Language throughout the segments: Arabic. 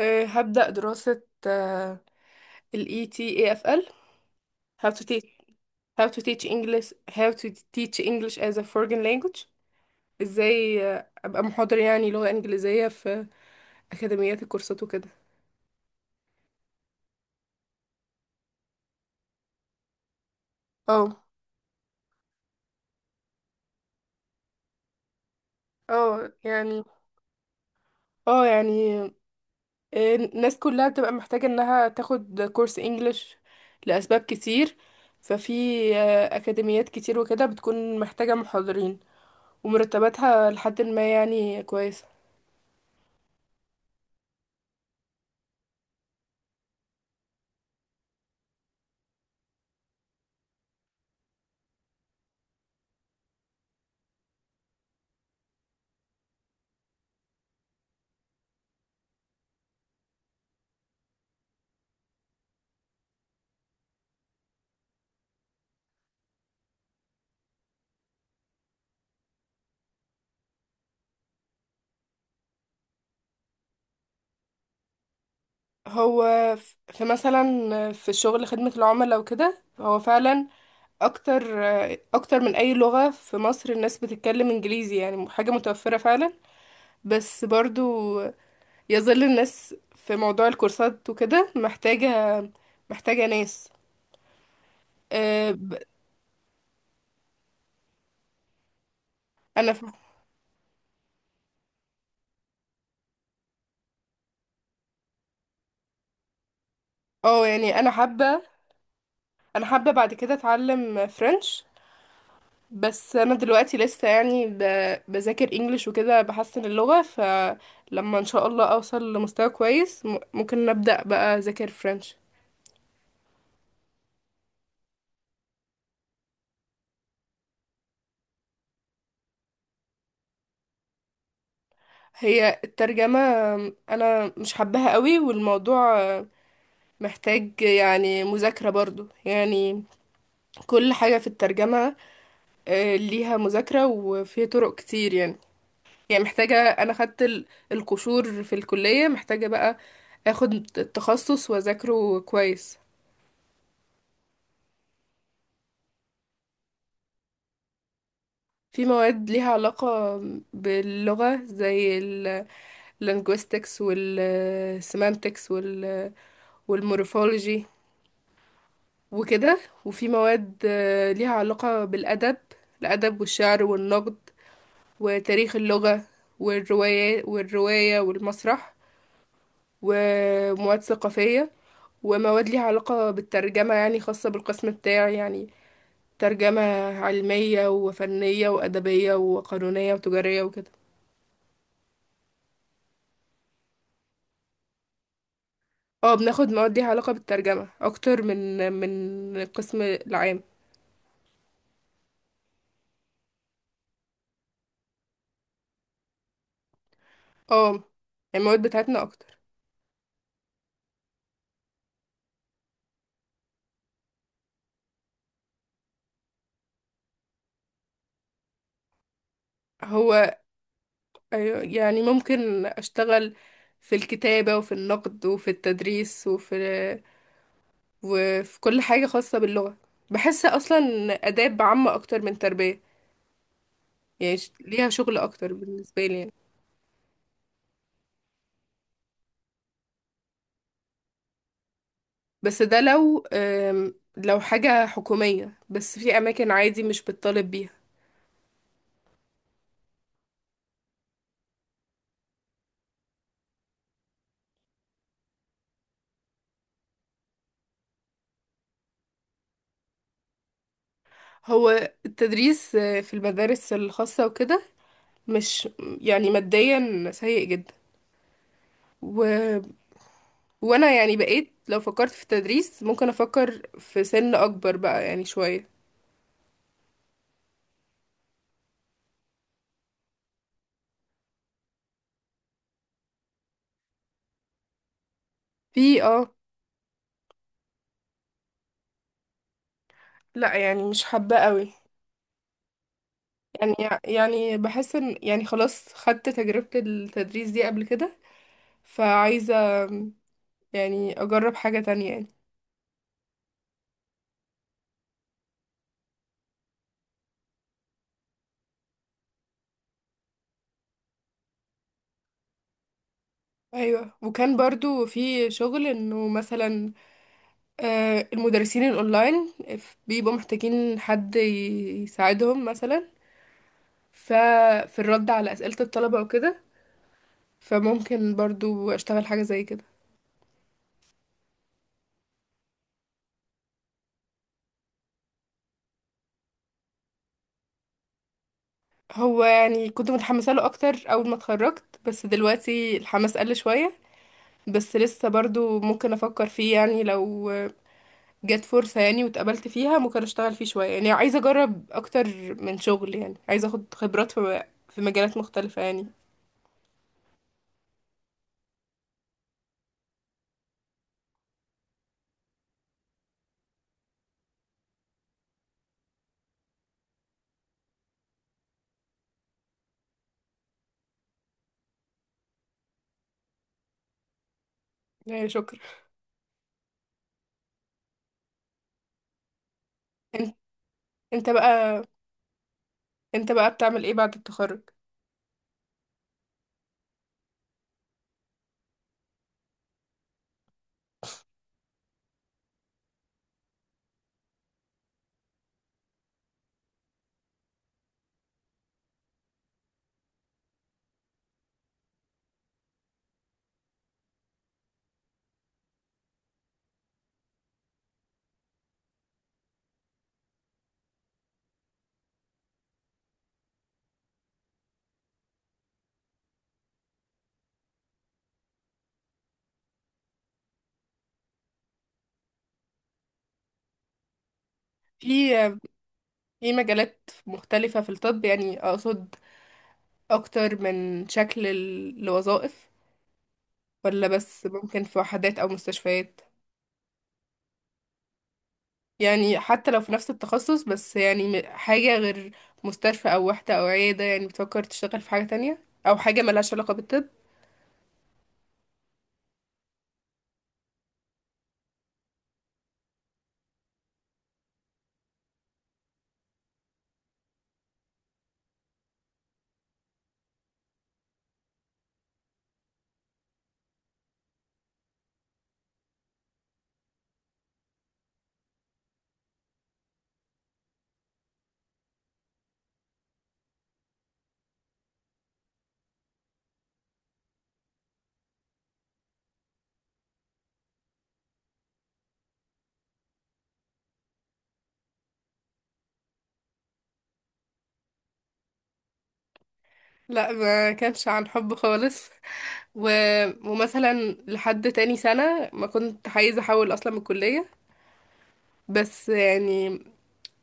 هبدأ دراسة آه، ال ETAFL. how to teach how to teach English how to teach English as a foreign language. ازاي ابقى محاضر يعني لغة انجليزية في اكاديميات الكورسات وكده. اه اه يعني اه، الناس كلها بتبقى محتاجة انها تاخد كورس انجليش لأسباب كتير. ففي اكاديميات كتير وكده بتكون محتاجة محاضرين، ومرتباتها لحد ما يعني كويسة. هو في مثلا في شغل خدمة العملاء وكده، هو فعلا اكتر اكتر من اي لغة في مصر الناس بتتكلم انجليزي، يعني حاجة متوفرة فعلا، بس برضو يظل الناس في موضوع الكورسات وكده محتاجة ناس. أه، ب- انا ف- اه يعني انا حابة، بعد كده اتعلم فرنش. بس انا دلوقتي لسه يعني بذاكر انجليش وكده بحسن اللغة، فلما ان شاء الله اوصل لمستوى كويس ممكن نبدأ بقى اذاكر فرنش. هي الترجمة انا مش حباها قوي، والموضوع محتاج يعني مذاكرة برضو يعني. كل حاجة في الترجمة ليها مذاكرة وفي طرق كتير يعني. يعني محتاجة، انا خدت القشور في الكلية، محتاجة بقى اخد التخصص واذاكره كويس. في مواد ليها علاقة باللغة زي ال linguistics وال semantics والمورفولوجي وكده، وفي مواد ليها علاقة بالأدب. الأدب والشعر والنقد وتاريخ اللغة والرواية والمسرح، ومواد ثقافية، ومواد ليها علاقة بالترجمة يعني خاصة بالقسم بتاعي يعني. ترجمة علمية وفنية وأدبية وقانونية وتجارية وكده. اه، بناخد مواد ليها علاقة بالترجمة اكتر من القسم العام. اه يعني المواد بتاعتنا اكتر. هو أيوة، يعني ممكن اشتغل في الكتابة وفي النقد وفي التدريس وفي كل حاجة خاصة باللغة. بحس اصلا اداب عامة اكتر من تربية، يعني ليها شغل اكتر بالنسبة لي يعني. بس ده لو لو حاجة حكومية، بس في اماكن عادي مش بتطالب بيها. هو التدريس في المدارس الخاصة وكده مش يعني ماديا سيء جدا. و... وانا يعني بقيت لو فكرت في التدريس ممكن افكر في سن اكبر بقى يعني شوية. في اه. لا، يعني مش حابة قوي. يعني يعني بحس ان يعني خلاص خدت تجربة التدريس دي قبل كده فعايزة يعني اجرب حاجة تانية يعني. ايوه، وكان برضو في شغل انه مثلا المدرسين الاونلاين بيبقوا محتاجين حد يساعدهم، مثلا ففي الرد على أسئلة الطلبة وكده، فممكن برضو أشتغل حاجة زي كده. هو يعني كنت متحمسة له أكتر أول ما اتخرجت، بس دلوقتي الحماس قل شوية، بس لسه برضو ممكن أفكر فيه يعني، لو جت فرصة يعني واتقبلت فيها ممكن أشتغل فيه شوية، يعني عايزة أجرب أكتر من شغل، يعني عايزة أخد خبرات في مجالات مختلفة يعني. يعني شكرا. انت انت بقى انت بقى بتعمل ايه بعد التخرج؟ في في مجالات مختلفة في الطب، يعني أقصد اكتر من شكل لوظائف، ولا بس ممكن في وحدات او مستشفيات؟ يعني حتى لو في نفس التخصص، بس يعني حاجة غير مستشفى او وحدة او عيادة، يعني بتفكر تشتغل في حاجة تانية او حاجة ملهاش علاقة بالطب؟ لا، ما كانش عن حب خالص. و... ومثلا لحد تاني سنة ما كنت عايزة احول اصلا من الكلية. بس يعني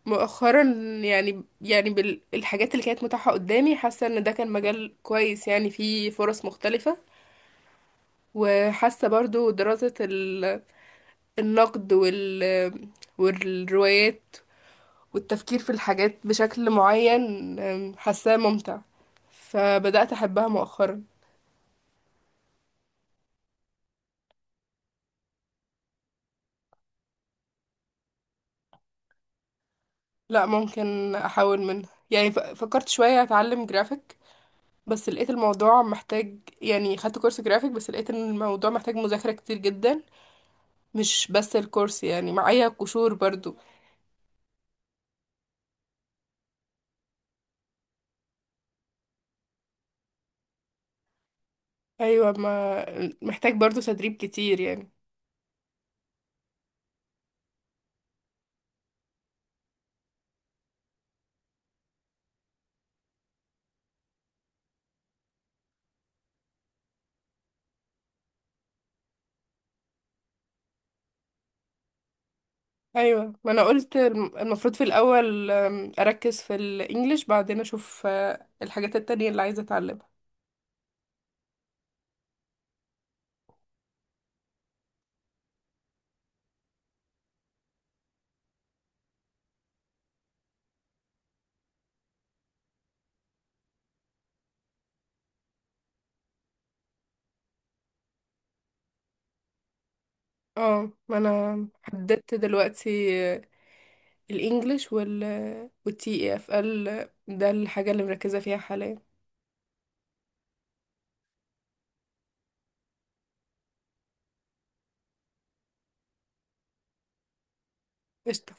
مؤخرا، يعني بالحاجات اللي كانت متاحة قدامي، حاسة ان ده كان مجال كويس يعني فيه فرص مختلفة. وحاسة برضو دراسة النقد والروايات، والتفكير في الحاجات بشكل معين، حاساه ممتع، فبدأت أحبها مؤخرا. لا، ممكن أحاول منها، يعني فكرت شوية أتعلم جرافيك، بس لقيت الموضوع محتاج، يعني خدت كورس جرافيك بس لقيت إن الموضوع محتاج مذاكرة كتير جدا، مش بس الكورس، يعني معايا قشور برضو. أيوة، ما محتاج برضو تدريب كتير يعني. ايوه، ما انا قلت المفروض في الاول اركز في الانجليش، بعدين اشوف الحاجات التانية اللي عايزة اتعلمها. اه، ما انا حددت دلوقتي آه، الانجليش والتي اف ال ده الحاجة اللي مركزة فيها حاليا. قشطة.